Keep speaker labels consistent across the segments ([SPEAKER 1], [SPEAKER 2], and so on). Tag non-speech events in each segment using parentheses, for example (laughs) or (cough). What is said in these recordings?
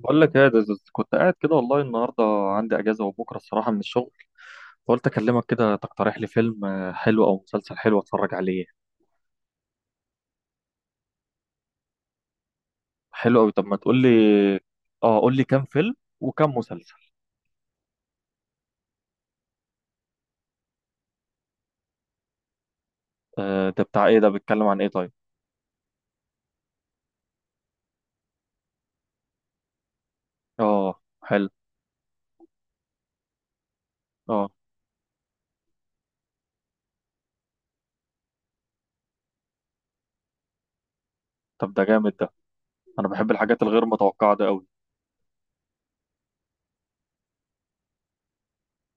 [SPEAKER 1] بقول لك ايه يا دزوز، كنت قاعد كده والله النهارده عندي اجازه وبكره الصراحه من الشغل، فقلت اكلمك كده تقترح لي فيلم حلو او مسلسل حلو اتفرج عليه. حلو قوي، طب ما تقول لي. اه قول لي كام فيلم وكام مسلسل. آه ده بتاع ايه؟ ده بيتكلم عن ايه طيب؟ اه حلو. اه طب ده جامد ده. انا بحب الحاجات الغير متوقعه ده قوي.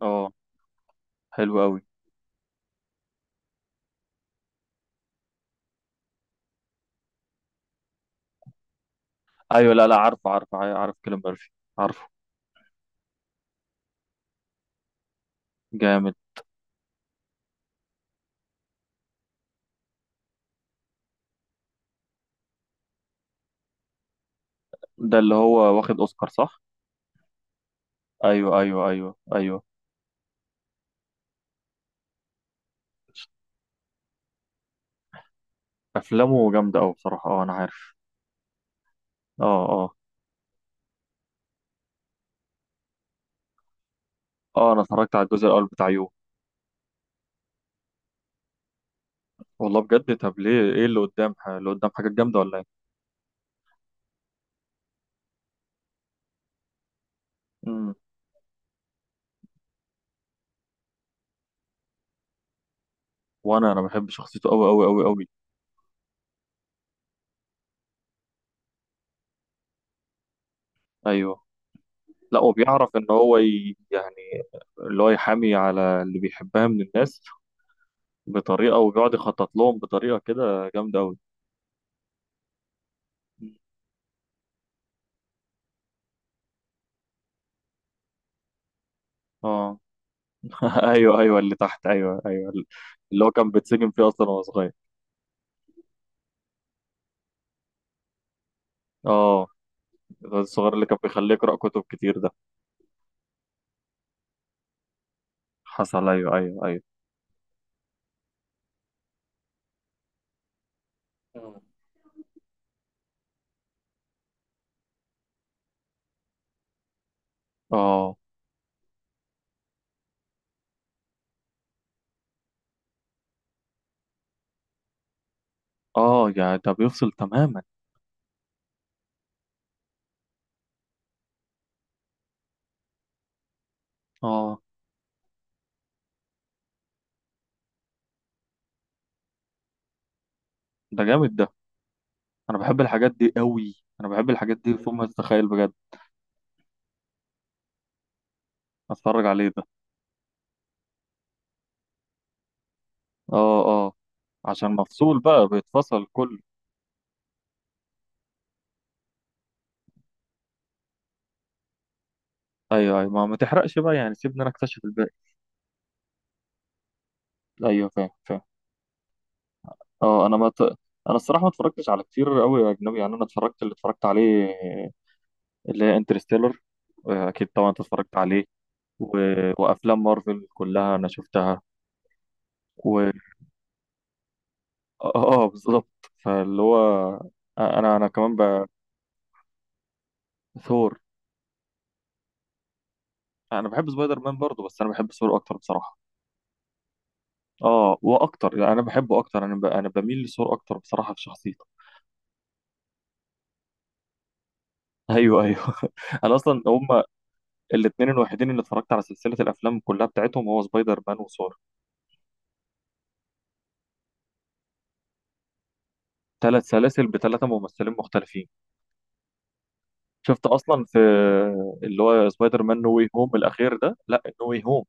[SPEAKER 1] اه حلو قوي. ايوه، لا عارف عارف عارف كيليان ميرفي، عارفه. جامد. ده اللي هو واخد اوسكار صح؟ ايوه ايوه ايوه ايوه. افلامه جامده قوي بصراحه، اه انا عارف. اه اه. اه انا اتفرجت على الجزء الاول بتاع يو. والله بجد، طب ليه؟ ايه اللي قدام اللي قدام حاجات جامده ولا ايه؟ امم وانا بحب شخصيته قوي قوي قوي قوي. ايوه. لا وبيعرف ان هو يعني اللي هو يحامي على اللي بيحبها من الناس، بطريقه، وبيقعد يخطط لهم بطريقه كده جامده قوي. اه. (laughs) ايوه ايوه اللي تحت، ايوه ايوه. اللي هو كان بيتسجن فيه اصلا وهو صغير. اه الواد الصغير اللي كان بيخليه يقرا كتب كتير ده. حصل، ايوه ايوه ايوه. اه اه يعني ده بيفصل تماما. اه ده جامد ده. انا بحب الحاجات دي قوي. انا بحب الحاجات دي فوق ما تتخيل بجد. اتفرج عليه ده. اه اه عشان مفصول بقى، بيتفصل كله. ايوه ايوه، ما تحرقش بقى يعني، سيبني انا اكتشف الباقي. ايوه فاهم فاهم. اه انا ما ت... انا الصراحه ما اتفرجتش على كتير قوي اجنبي يعني. انا اتفرجت اللي اتفرجت عليه، اللي هي انترستيلر، اكيد طبعا انت اتفرجت عليه. و... وافلام مارفل كلها انا شفتها. اه، بالظبط. فاللي هو انا كمان، ثور. انا بحب سبايدر مان برضه، بس انا بحب ثور اكتر بصراحه. اه واكتر، يعني انا بحبه اكتر، انا انا بميل لثور اكتر بصراحه في شخصيته. ايوه ايوه. (laughs) انا اصلا هم الاثنين الوحيدين اللي اتفرجت على سلسله الافلام كلها بتاعتهم، هو سبايدر مان وثور. ثلاث سلاسل بثلاثه ممثلين مختلفين. شفت اصلا في اللي هو سبايدر مان نو واي هوم الاخير ده، لا نو واي هوم.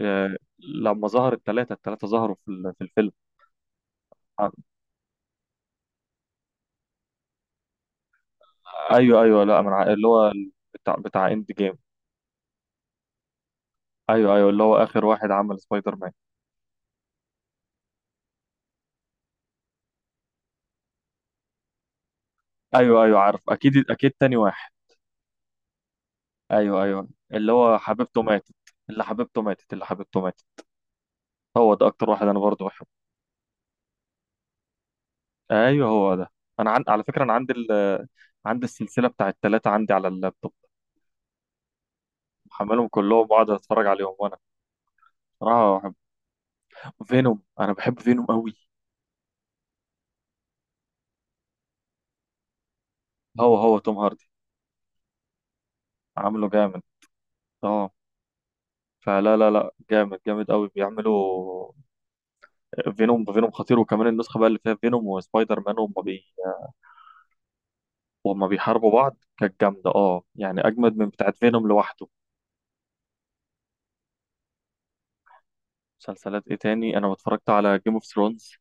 [SPEAKER 1] لما ظهر الثلاثه، الثلاثه ظهروا في في الفيلم. ايوه ايوه، لا من اللي هو بتاع بتاع اند جيم. ايوه ايوه اللي هو اخر واحد عمل سبايدر مان. ايوه ايوه عارف، اكيد اكيد، تاني واحد. ايوه ايوه اللي هو حبيبته ماتت. اللي حبيبته ماتت، اللي حبيبته ماتت. هو ده اكتر واحد انا برضه بحبه. ايوه هو ده. انا على فكره انا عندي عندي السلسله بتاع الثلاثه عندي على اللابتوب، محملهم كلهم وقاعد اتفرج عليهم وانا. صراحه بحب فينوم، انا بحب فينوم قوي. هو هو توم هاردي. عامله جامد. اه فلا لا جامد، جامد قوي بيعملوا. فينوم، فينوم خطير. وكمان النسخه بقى اللي فيها فينوم وسبايدر مان هم، وهما بيحاربوا بعض كانت جامدة، اه يعني أجمد من بتاعت فينوم لوحده. مسلسلات إيه تاني؟ أنا اتفرجت على جيم اوف ثرونز.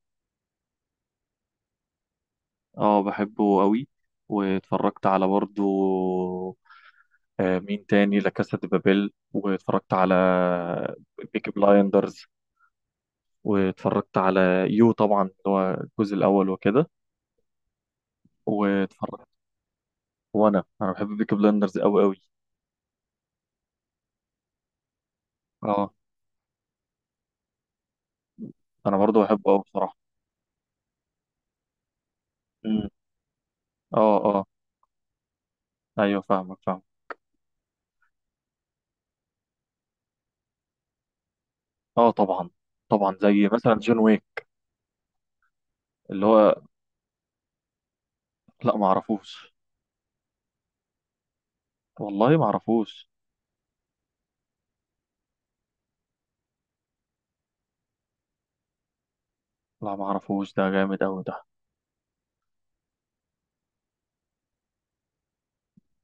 [SPEAKER 1] اه بحبه قوي. واتفرجت على برضو، آه مين تاني، لا كاسا دي بابيل، واتفرجت على بيكي بلايندرز، واتفرجت على يو طبعا اللي هو الجزء الأول وكده، واتفرجت. وأنا أنا بحب بيكي بلايندرز أوي أوي. اه أنا برضو بحبه أوي بصراحة. مم. اه اه أيوه فاهمك فاهمك. اه طبعا. طبعا زي مثلا جون ويك. اللي هو، لا ما اعرفوش. والله ما اعرفوش. لا ما اعرفوش، ده جامد قوي ده.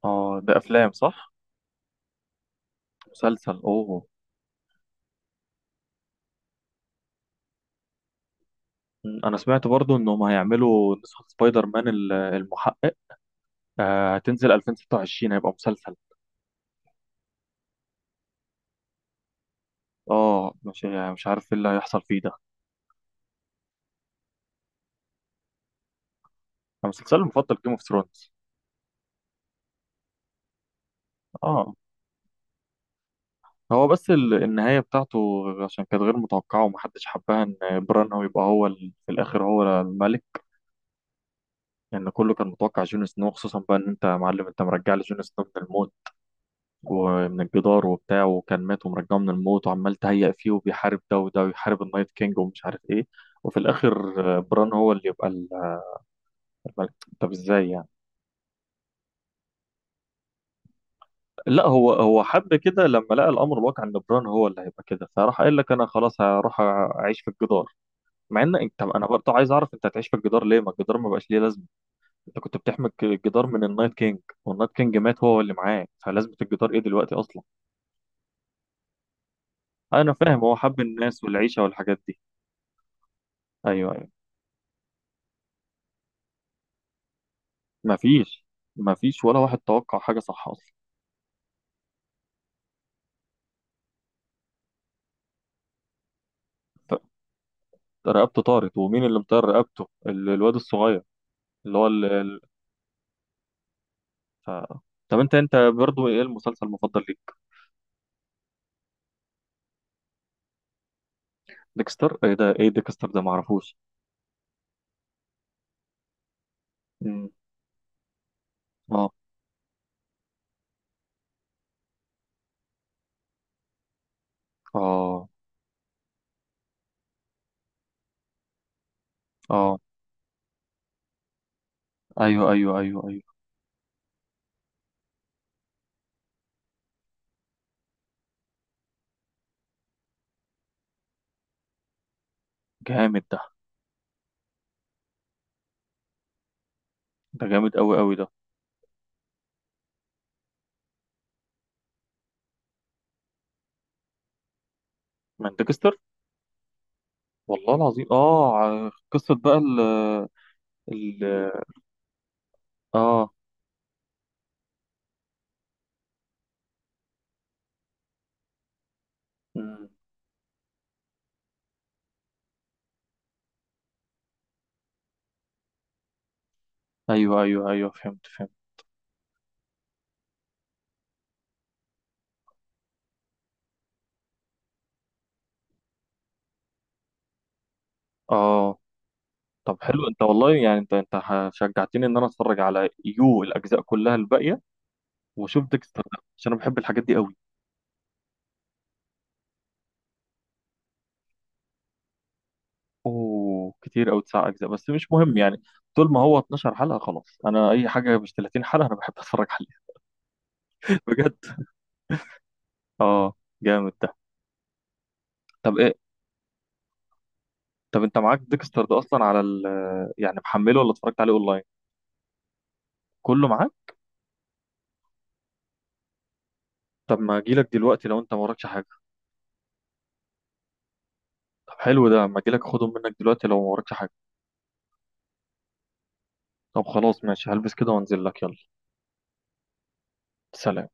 [SPEAKER 1] اه ده افلام صح؟ مسلسل، اوه. انا سمعت برضو انهم هيعملوا نسخة سبايدر مان المحقق، هتنزل 2026، هيبقى مسلسل. اه مش يعني مش عارف ايه اللي هيحصل فيه ده. أنا مسلسلي المفضل جيم اوف ثرونز. اه هو بس النهاية بتاعته عشان كانت غير متوقعة ومحدش حبها، ان بران هو يبقى هو في الاخر هو الملك. لان يعني كله كان متوقع جون سنو خصوصا، بقى ان انت يا معلم انت مرجع لي جون سنو من الموت ومن الجدار وبتاع، وكان مات ومرجعه من الموت وعمال تهيأ فيه وبيحارب ده وده، ويحارب النايت كينج ومش عارف ايه، وفي الاخر بران هو اللي يبقى الملك. طب ازاي يعني؟ لا هو هو حب كده لما لقى الامر الواقع ان بران هو اللي هيبقى، كده فراح قال لك انا خلاص هروح اعيش في الجدار. مع ان انت، انا برضه عايز اعرف انت هتعيش في الجدار ليه؟ ما الجدار ما بقاش ليه لازمه. انت كنت بتحمي الجدار من النايت كينج، والنايت كينج مات هو اللي معاه، فلازمه الجدار ايه دلوقتي اصلا؟ انا فاهم هو حب الناس والعيشه والحاجات دي. ايوه أيوه. مفيش، مفيش ولا واحد توقع حاجة صح أصلا. ط- رقبته طارت. ومين اللي مطير رقبته؟ الواد الصغير اللي هو ف... طب انت برضو ايه المسلسل المفضل ليك؟ ديكستر ايه ده؟ ايه ديكستر ده؟ معرفوش. مم. اه اه اه. ايوه ايوه ايوه ايوه. جامد ده. ده جامد قوي قوي ده. من ديكستر؟ والله العظيم. اه قصة بقى ال ال اه. مم. ايوه ايوه ايوه، فهمت فهمت. اه طب حلو، انت والله يعني، انت شجعتني ان انا اتفرج على يو الاجزاء كلها الباقيه، واشوف ديكستر ده عشان انا بحب الحاجات دي قوي. اوه كتير قوي تسع اجزاء، بس مش مهم يعني. طول ما هو 12 حلقه خلاص، انا اي حاجه مش 30 حلقه انا بحب اتفرج عليها. (laughs) بجد. اه جامد ده. طب ايه؟ طب انت معاك ديكستر ده اصلا على ال، يعني محمله ولا اتفرجت عليه اونلاين؟ كله معاك. طب ما اجيلك دلوقتي لو انت ما وراكش حاجه. طب حلو ده، ما اجيلك اخدهم منك دلوقتي لو ما وراكش حاجه. طب خلاص ماشي، هلبس كده وانزل لك. يلا سلام.